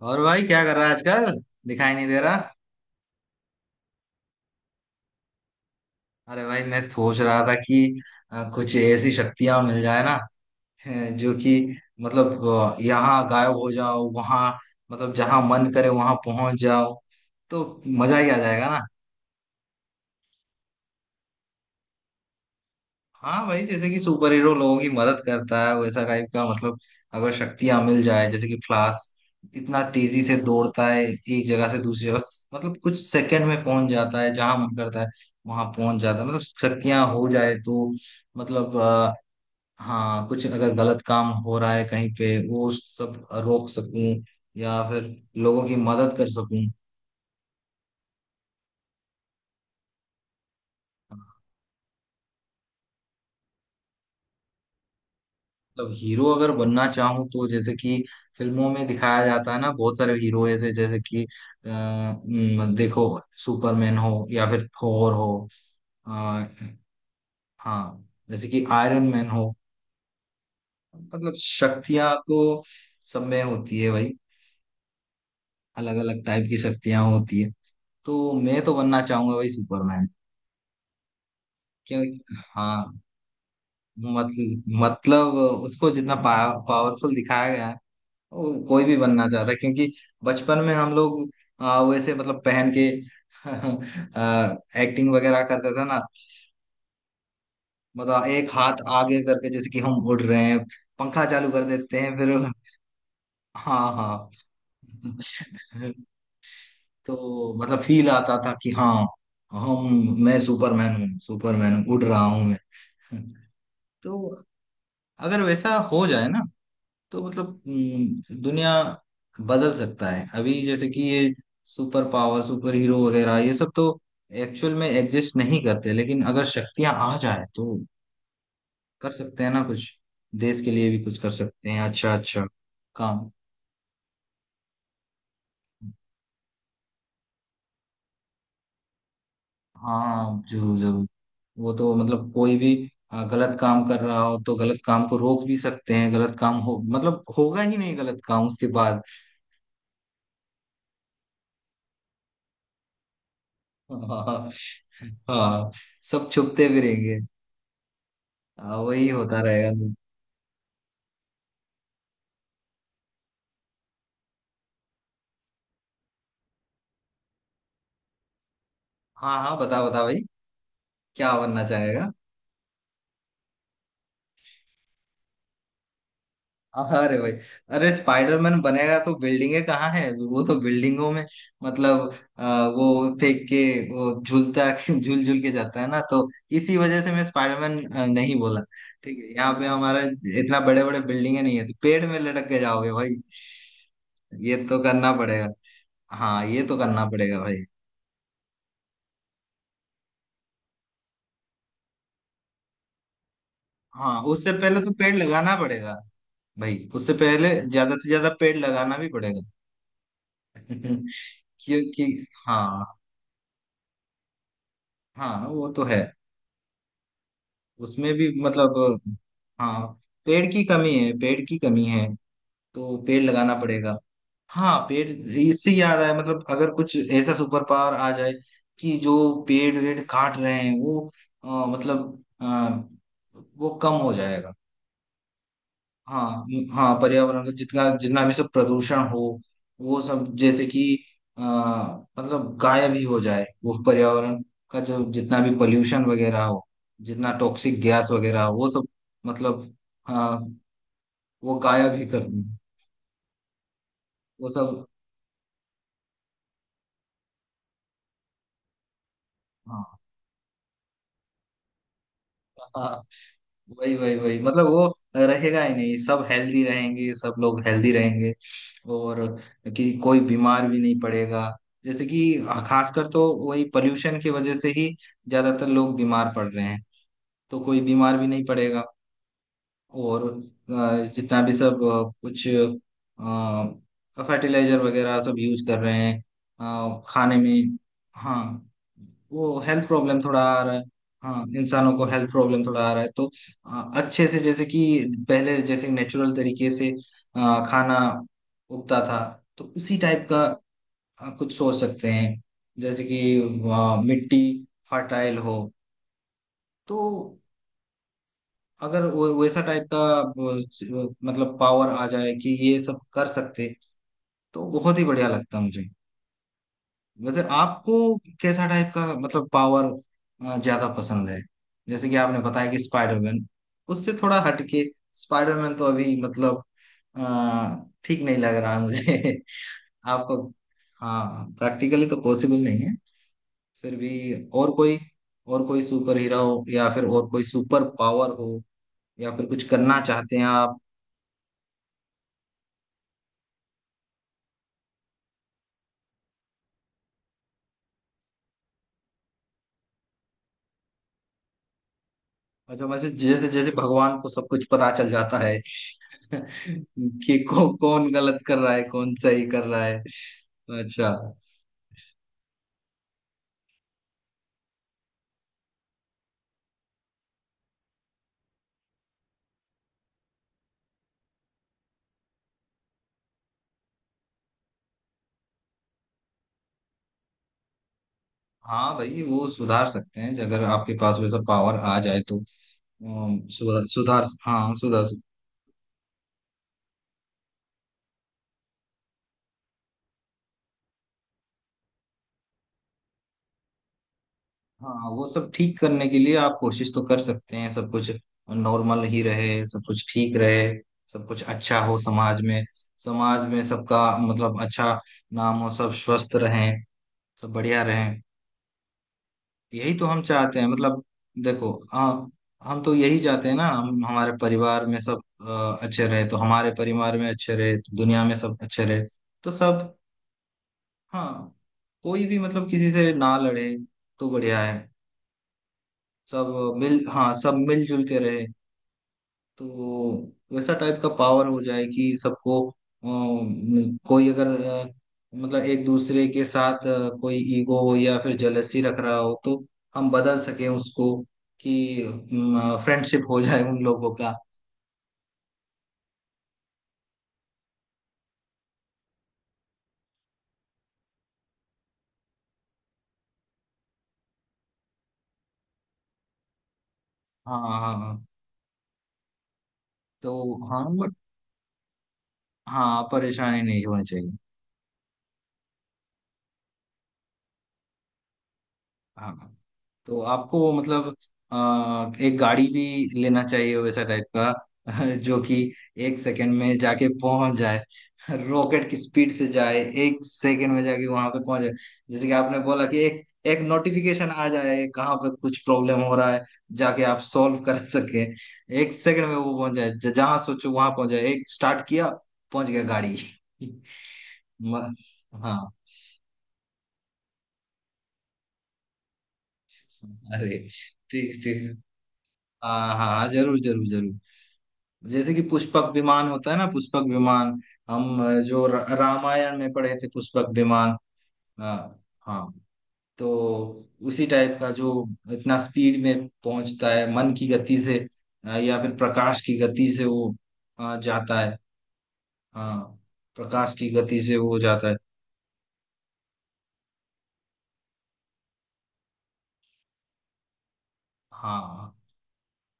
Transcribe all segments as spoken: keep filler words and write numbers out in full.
और भाई क्या कर रहा है आजकल? दिखाई नहीं दे रहा। अरे भाई मैं सोच रहा था कि अ, कुछ ऐसी शक्तियां मिल जाए ना। अ, जो कि मतलब अ, यहाँ गायब हो जाओ वहां। मतलब जहां मन करे वहां पहुंच जाओ। तो मजा ही आ जाएगा ना। हाँ भाई जैसे कि सुपर हीरो लोगों की मदद करता है वैसा टाइप का मतलब अगर शक्तियां मिल जाए जैसे कि फ्लाश इतना तेजी से दौड़ता है एक जगह से दूसरी जगह। मतलब कुछ सेकंड में पहुंच जाता है जहां मन करता है वहां पहुंच जाता है। मतलब शक्तियां हो जाए तो मतलब आ, हाँ कुछ अगर गलत काम हो रहा है कहीं पे वो सब रोक सकूं या फिर लोगों की मदद कर सकूं। मतलब हीरो अगर बनना चाहूँ तो जैसे कि फिल्मों में दिखाया जाता है ना, बहुत सारे हीरो ऐसे जैसे कि अ, न, देखो सुपरमैन हो या फिर थोर हो। अ, हाँ, जैसे कि आयरन मैन हो। मतलब शक्तियां तो सब में होती है भाई। अलग अलग टाइप की शक्तियां होती है। तो मैं तो बनना चाहूंगा भाई सुपरमैन। क्यों? हाँ। मतलब मतलब उसको जितना पा, पावरफुल दिखाया गया है वो कोई भी बनना चाहता है क्योंकि बचपन में हम लोग आ, वैसे मतलब पहन के एक्टिंग वगैरह करते थे ना। मतलब एक हाथ आगे करके जैसे कि हम उड़ रहे हैं, पंखा चालू कर देते हैं फिर। हाँ हाँ। तो मतलब फील आता था कि हाँ, हम मैं सुपरमैन हूँ, सुपरमैन उड़ रहा हूँ मैं। तो अगर वैसा हो जाए ना तो मतलब हम्म, दुनिया बदल सकता है। अभी जैसे कि ये सुपर पावर सुपर हीरो वगैरह ये सब तो एक्चुअल में एग्जिस्ट नहीं करते, लेकिन अगर शक्तियां आ जाए तो कर सकते हैं ना कुछ। देश के लिए भी कुछ कर सकते हैं। अच्छा अच्छा काम। हाँ जरूर जरूर। वो तो मतलब कोई भी आ, गलत काम कर रहा हो तो गलत काम को रोक भी सकते हैं। गलत काम हो मतलब होगा ही नहीं गलत काम उसके बाद। हाँ हाँ। सब छुपते भी रहेंगे। हाँ वही होता रहेगा तो। हाँ हाँ बताओ बताओ भाई, क्या बनना चाहेगा? अरे भाई, अरे स्पाइडरमैन बनेगा तो बिल्डिंगे कहाँ है? वो तो बिल्डिंगों में मतलब आ, वो फेंक के, वो झूलता झूल झूल के जाता है ना, तो इसी वजह से मैं स्पाइडरमैन अ, नहीं बोला। ठीक है, यहाँ पे हमारा इतना बड़े बड़े बिल्डिंगे नहीं है तो पेड़ में लटक के जाओगे भाई। ये तो करना पड़ेगा। हाँ ये तो करना पड़ेगा भाई। हाँ उससे पहले तो पेड़ लगाना पड़ेगा। भाई उससे पहले ज्यादा से ज्यादा पेड़ लगाना भी पड़ेगा। हम्म। क्योंकि हाँ, हाँ वो तो है। उसमें भी मतलब, हाँ, पेड़ की कमी है, पेड़ की कमी है तो पेड़ लगाना पड़ेगा। हाँ पेड़, इससे याद आया, मतलब अगर कुछ ऐसा सुपर पावर आ जाए कि जो पेड़ वेड़ काट रहे हैं वो अ, मतलब अ, वो कम हो जाएगा। हाँ हाँ, पर्यावरण का जितना जितना भी सब प्रदूषण हो वो सब जैसे कि आ, मतलब गायब ही हो जाए, वो पर्यावरण का जो जितना भी पोल्यूशन वगैरह हो, जितना टॉक्सिक गैस वगैरह हो वो सब मतलब, हाँ, वो गायब ही कर दें वो सब। हाँ वही वही वही मतलब वो रहेगा ही नहीं, सब हेल्दी रहेंगे, सब लोग हेल्दी रहेंगे और कि कोई बीमार भी नहीं पड़ेगा। जैसे कि खासकर तो वही पोल्यूशन की वजह से ही ज्यादातर लोग बीमार पड़ रहे हैं तो कोई बीमार भी नहीं पड़ेगा। और अ, जितना भी सब अ, कुछ फर्टिलाइजर वगैरह सब यूज कर रहे हैं अ, खाने में। हाँ वो हेल्थ प्रॉब्लम थोड़ा आ रहा है। हाँ इंसानों को हेल्थ प्रॉब्लम थोड़ा आ रहा है तो अ, अच्छे से जैसे कि पहले जैसे नेचुरल तरीके से अ, खाना उगता था, तो उसी टाइप का अ, कुछ सोच सकते हैं। जैसे कि अ, मिट्टी फर्टाइल हो, तो अगर वो वैसा टाइप का वो, च- मतलब पावर आ जाए कि ये सब कर सकते, तो बहुत ही बढ़िया लगता मुझे। वैसे आपको कैसा टाइप का मतलब पावर अ, ज्यादा पसंद है? जैसे कि आपने बताया कि स्पाइडरमैन, उससे थोड़ा हटके। स्पाइडरमैन तो अभी मतलब अ, ठीक नहीं लग रहा है मुझे। आपको, हाँ, प्रैक्टिकली तो पॉसिबल नहीं है, फिर भी और कोई और कोई सुपर हीरो हो या फिर और कोई सुपर पावर हो, या फिर कुछ करना चाहते हैं आप? अच्छा, वैसे जैसे जैसे भगवान को सब कुछ पता चल जाता है कि कौ, कौन गलत कर रहा है कौन सही कर रहा है। अच्छा। हाँ भाई वो सुधार सकते हैं अगर आपके पास वैसा पावर आ जाए तो। अम, सुधार सुधार, हाँ सुधार। हाँ वो सब ठीक करने के लिए आप कोशिश तो कर सकते हैं, सब कुछ नॉर्मल ही रहे, सब कुछ ठीक रहे, सब कुछ अच्छा हो समाज में। समाज में सबका मतलब अच्छा नाम हो, सब स्वस्थ रहें, सब बढ़िया रहें। यही तो हम चाहते हैं मतलब, देखो हम हम तो यही चाहते हैं ना, हम हमारे परिवार में सब अ, अच्छे रहे, तो हमारे परिवार में अच्छे रहे तो दुनिया में सब अच्छे रहे। तो सब, हाँ। कोई भी मतलब किसी से ना लड़े तो बढ़िया है। सब मिल, हाँ, सब मिलजुल के रहे, तो वैसा टाइप का पावर हो जाए कि सबको अम, कोई अगर अ, मतलब एक दूसरे के साथ अ, कोई ईगो या फिर जलसी रख रहा हो तो हम बदल सकें उसको कि फ्रेंडशिप हो जाए उन लोगों का। हाँ हाँ हाँ। तो हाँ बट, हाँ, परेशानी नहीं होनी चाहिए। हाँ हाँ। तो आपको मतलब आ, एक गाड़ी भी लेना चाहिए वैसा टाइप का जो कि एक सेकंड में जाके पहुंच जाए, रॉकेट की स्पीड से जाए, एक सेकंड में जाके वहां पे पहुंच जाए। जैसे कि आपने बोला कि एक एक नोटिफिकेशन आ जाए कहाँ पे कुछ प्रॉब्लम हो रहा है, जाके आप सॉल्व कर सके, एक सेकंड में वो पहुंच जाए, ज- जहाँ सोचो वहां पहुंच जाए, एक स्टार्ट किया पहुंच गया गाड़ी। म, हाँ, अरे ठीक ठीक, हाँ हाँ जरूर जरूर जरूर। जैसे कि पुष्पक विमान होता है ना, पुष्पक विमान, हम अ, जो र- रामायण में पढ़े थे, पुष्पक विमान। हाँ हाँ। तो उसी टाइप का जो इतना स्पीड में पहुंचता है मन की गति से अ, या फिर प्रकाश की गति से, वो अ, जाता है। हाँ प्रकाश की गति से वो जाता है। हाँ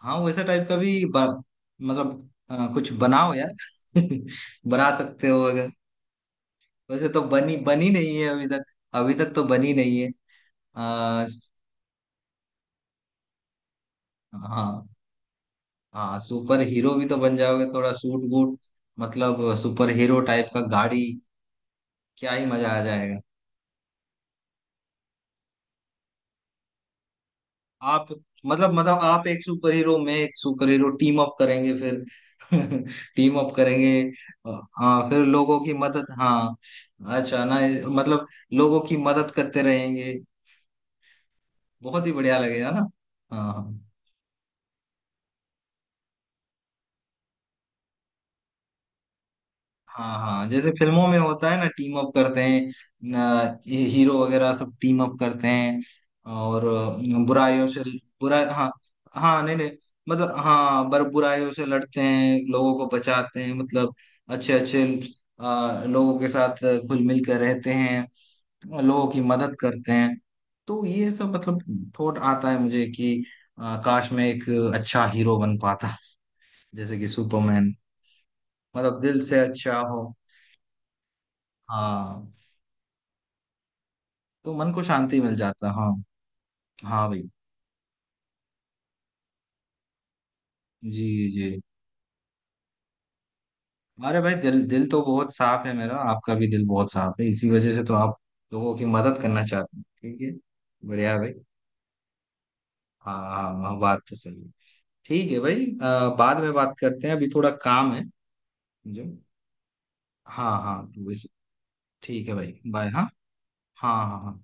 हाँ वैसा टाइप का भी ब- मतलब अ, कुछ बनाओ यार। बना सकते हो अगर। वैसे तो बनी बनी नहीं है अभी तक, अभी तक तो बनी नहीं है। हाँ हाँ सुपर हीरो भी तो बन जाओगे, थोड़ा सूट बूट मतलब सुपर हीरो टाइप का गाड़ी, क्या ही मजा आ जाएगा। आप मतलब मतलब आप एक सुपर हीरो, मैं एक सुपर हीरो, टीम अप करेंगे फिर। टीम अप करेंगे। हाँ फिर लोगों की मदद, हाँ अच्छा ना, मतलब लोगों की मदद करते रहेंगे, बहुत ही बढ़िया लगेगा ना। हाँ हाँ हाँ हाँ जैसे फिल्मों में होता है ना, टीम अप करते हैं ना, ये हीरो वगैरह सब टीम अप करते हैं और अ, बुराइयों से बुरा, हाँ, हाँ नहीं नहीं मतलब, हाँ, बर बुराइयों से लड़ते हैं, लोगों को बचाते हैं, मतलब अच्छे अच्छे अ, लोगों के साथ घुल मिल कर रहते हैं, लोगों की मदद करते हैं। तो ये सब मतलब थॉट आता है मुझे कि अ, काश मैं एक अच्छा हीरो बन पाता जैसे कि सुपरमैन। मतलब दिल से अच्छा हो, हाँ, तो मन को शांति मिल जाता है। हाँ हाँ भाई। जी जी। अरे भाई दिल दिल तो बहुत साफ है मेरा, आपका भी दिल बहुत साफ है, इसी वजह से तो आप लोगों की मदद करना चाहते हैं, ठीक है। बढ़िया है भाई। हाँ हाँ हाँ, बात तो सही है। ठीक है भाई, अ, बाद में बात करते हैं, अभी थोड़ा काम है मुझे। हाँ हाँ तो इस- ठीक है भाई, बाय। हाँ हाँ हाँ हाँ।